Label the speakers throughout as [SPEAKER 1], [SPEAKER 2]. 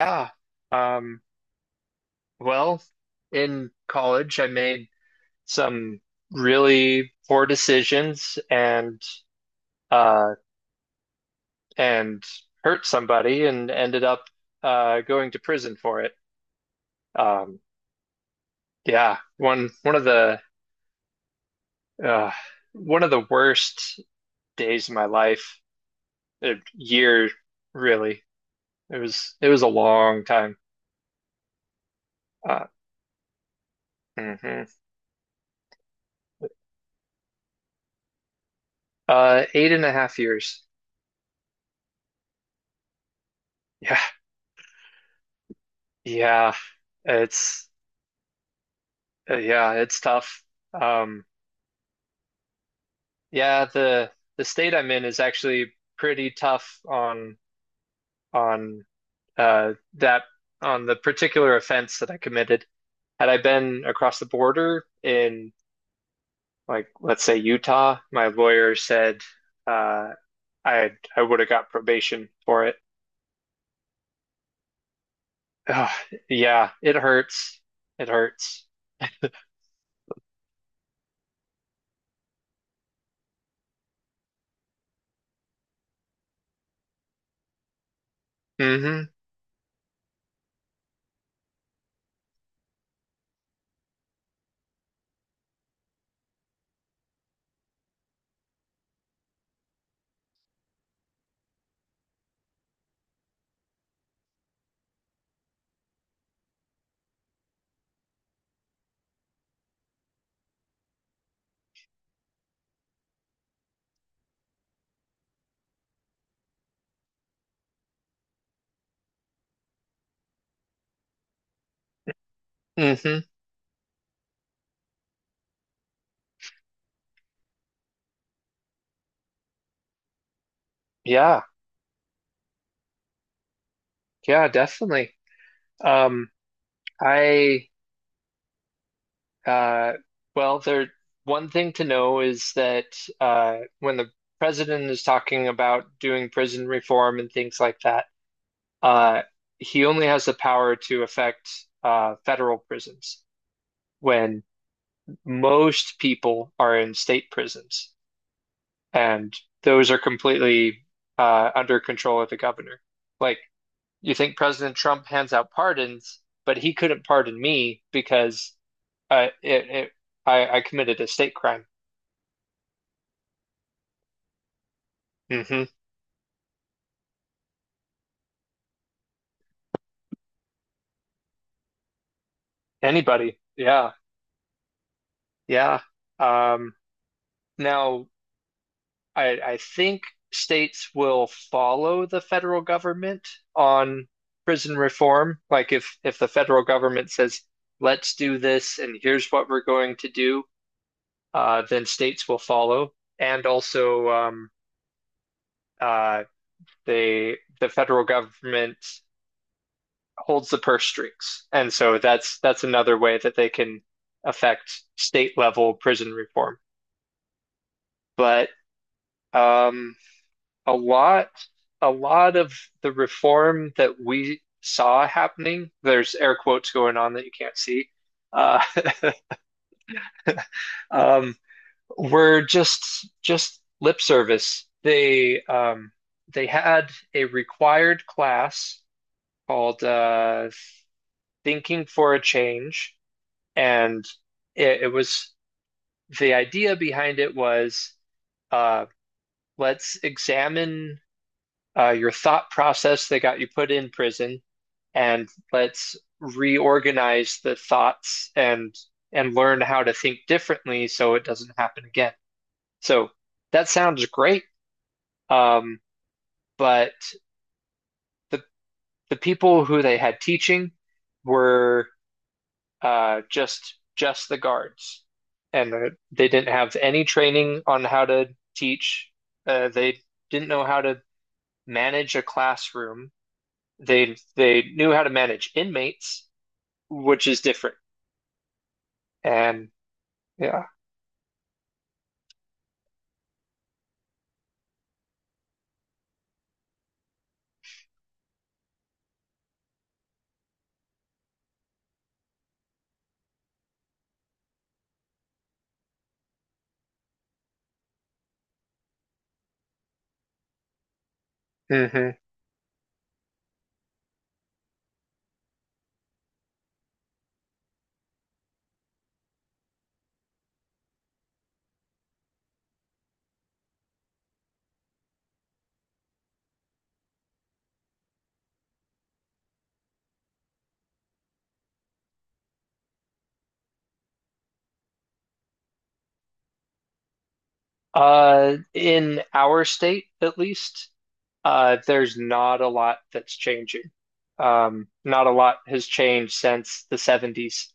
[SPEAKER 1] Yeah. Um, well, in college, I made some really poor decisions uh, and hurt somebody and ended up going to prison for it. Um, yeah, uh, one of the worst days of my life, a year really. It was a long time. Uh, mhm. 8.5 years. Yeah, yeah. It's Yeah, it's tough. Um, yeah, the state I'm in is actually pretty tough on uh that on the particular offense that I committed. Had I been across the border in, like, let's say, Utah, my lawyer said uh I would have got probation for it. Ugh, yeah, it hurts. It hurts. Hmm. Hmm. Yeah. Yeah, definitely. Um, I Uh, well, there one thing to know is that when the president is talking about doing prison reform and things like that, uh, he only has the power to affect federal prisons when most people are in state prisons, and those are completely under control of the governor. Like, you think President Trump hands out pardons, but he couldn't pardon me because uh, it, it, I committed a state crime. Hmm. Anybody. Yeah. Yeah. Um, Now, I think states will follow the federal government on prison reform. Like, if the federal government says, let's do this and here's what we're going to do, then states will follow. And also, uh, the federal government holds the purse strings. And so that's another way that they can affect state level prison reform. But Um, a lot, a lot of the reform that we saw happening, there's air quotes going on that you can't see, uh, um, were just lip service. They had a required class called Thinking for a Change, and it was the idea behind it was, uh, let's examine your thought process that got you put in prison and let's reorganize the thoughts and learn how to think differently so it doesn't happen again. So that sounds great. Um, but the the people who they had teaching were just the guards, and they didn't have any training on how to teach. They didn't know how to manage a classroom. They knew how to manage inmates, which is different. And Yeah. Hmm. In our state, at least, there's not a lot that's changing. Not a lot has changed since the 70s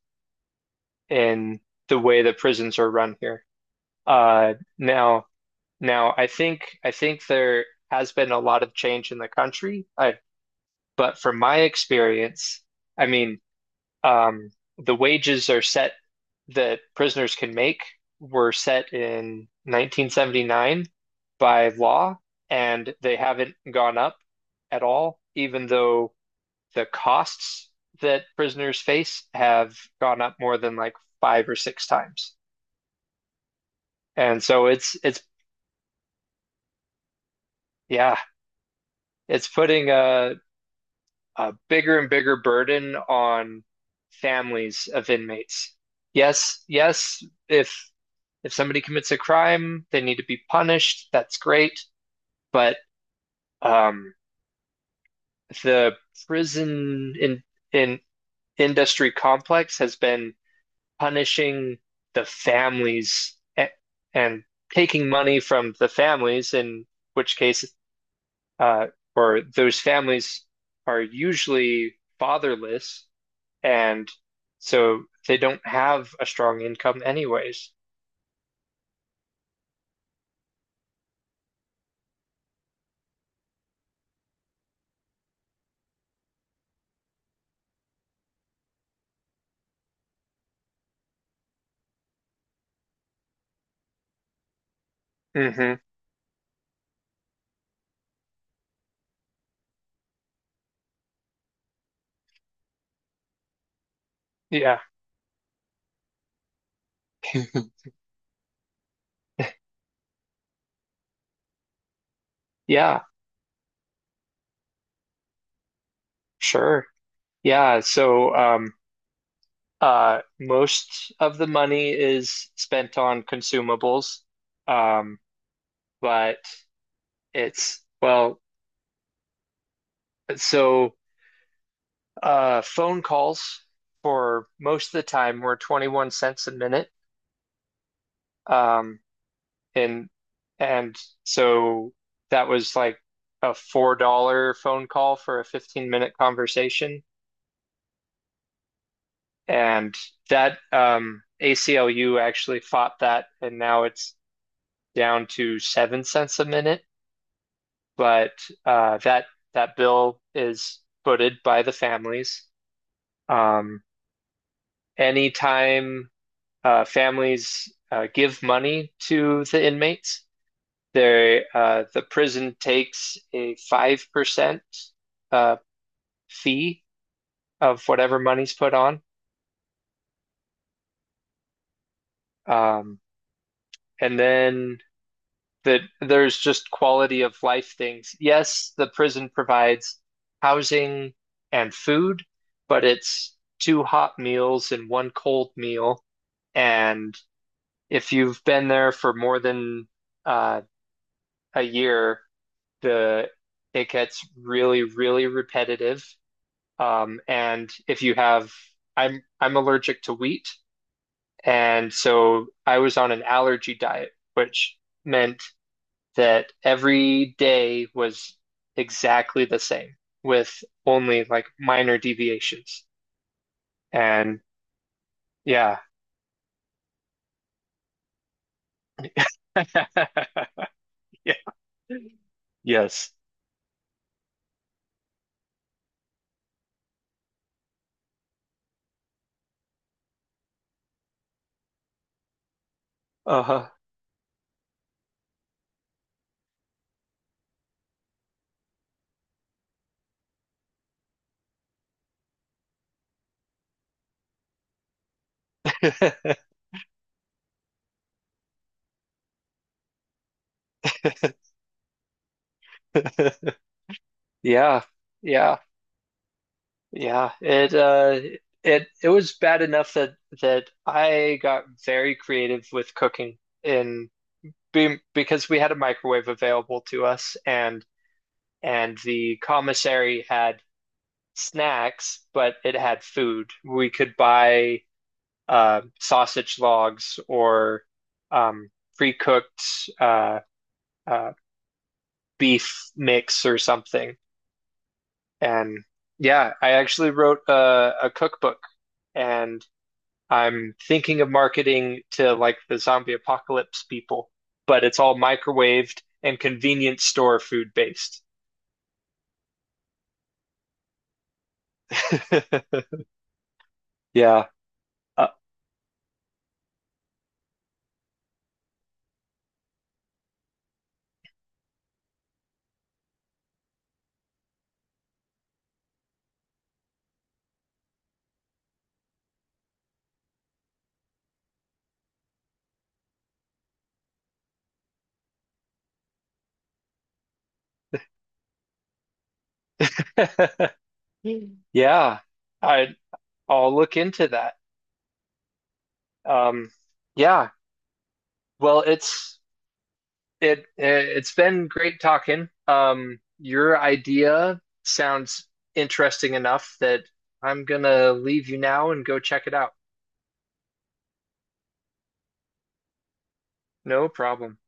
[SPEAKER 1] in the way that prisons are run here. Uh, now, now, I think there has been a lot of change in the country. But from my experience, I mean, um, the wages are set that prisoners can make were set in 1979 by law, and they haven't gone up at all, even though the costs that prisoners face have gone up more than, like, five or six times. And so it's, yeah, it's putting a bigger and bigger burden on families of inmates. Yes, yes, if if somebody commits a crime, they need to be punished. That's great, but Um, the prison in industry complex has been punishing the families and taking money from the families, in which case, uh, or those families are usually fatherless, and so they don't have a strong income anyways. Hmm. Yeah. Yeah, sure. Yeah, so most of the money is spent on consumables, um, but it's well, so phone calls for most of the time were 21 cents a minute, um, and and so that was like a $4 phone call for a 15-minute conversation, and that ACLU actually fought that, and now it's down to 7 cents a minute. But uh, that that bill is footed by the families. Um, Anytime families give money to the inmates, the prison takes a 5% uh, fee of whatever money's put on, um, and then that there's just quality of life things. Yes, the prison provides housing and food, but it's two hot meals and one cold meal. And if you've been there for more than uh, a year, the it gets really, really repetitive. And if you have, I'm allergic to wheat, and so I was on an allergy diet, which meant that every day was exactly the same with only, like, minor deviations. And yeah. Yeah. Yes. Uh-huh. Yeah. Yeah. Yeah. It was bad enough that I got very creative with cooking because we had a microwave available to us and the commissary had snacks, but it had food. We could buy sausage logs or um, pre-cooked uh, uh, beef mix or something. And yeah, I actually wrote a cookbook, and I'm thinking of marketing to, like, the zombie apocalypse people, but it's all microwaved and convenience store food based. Yeah. Uh, yeah. I I'll look into that. Um, yeah. Well, it's been great talking. Your idea sounds interesting enough that I'm gonna leave you now and go check it out. No problem.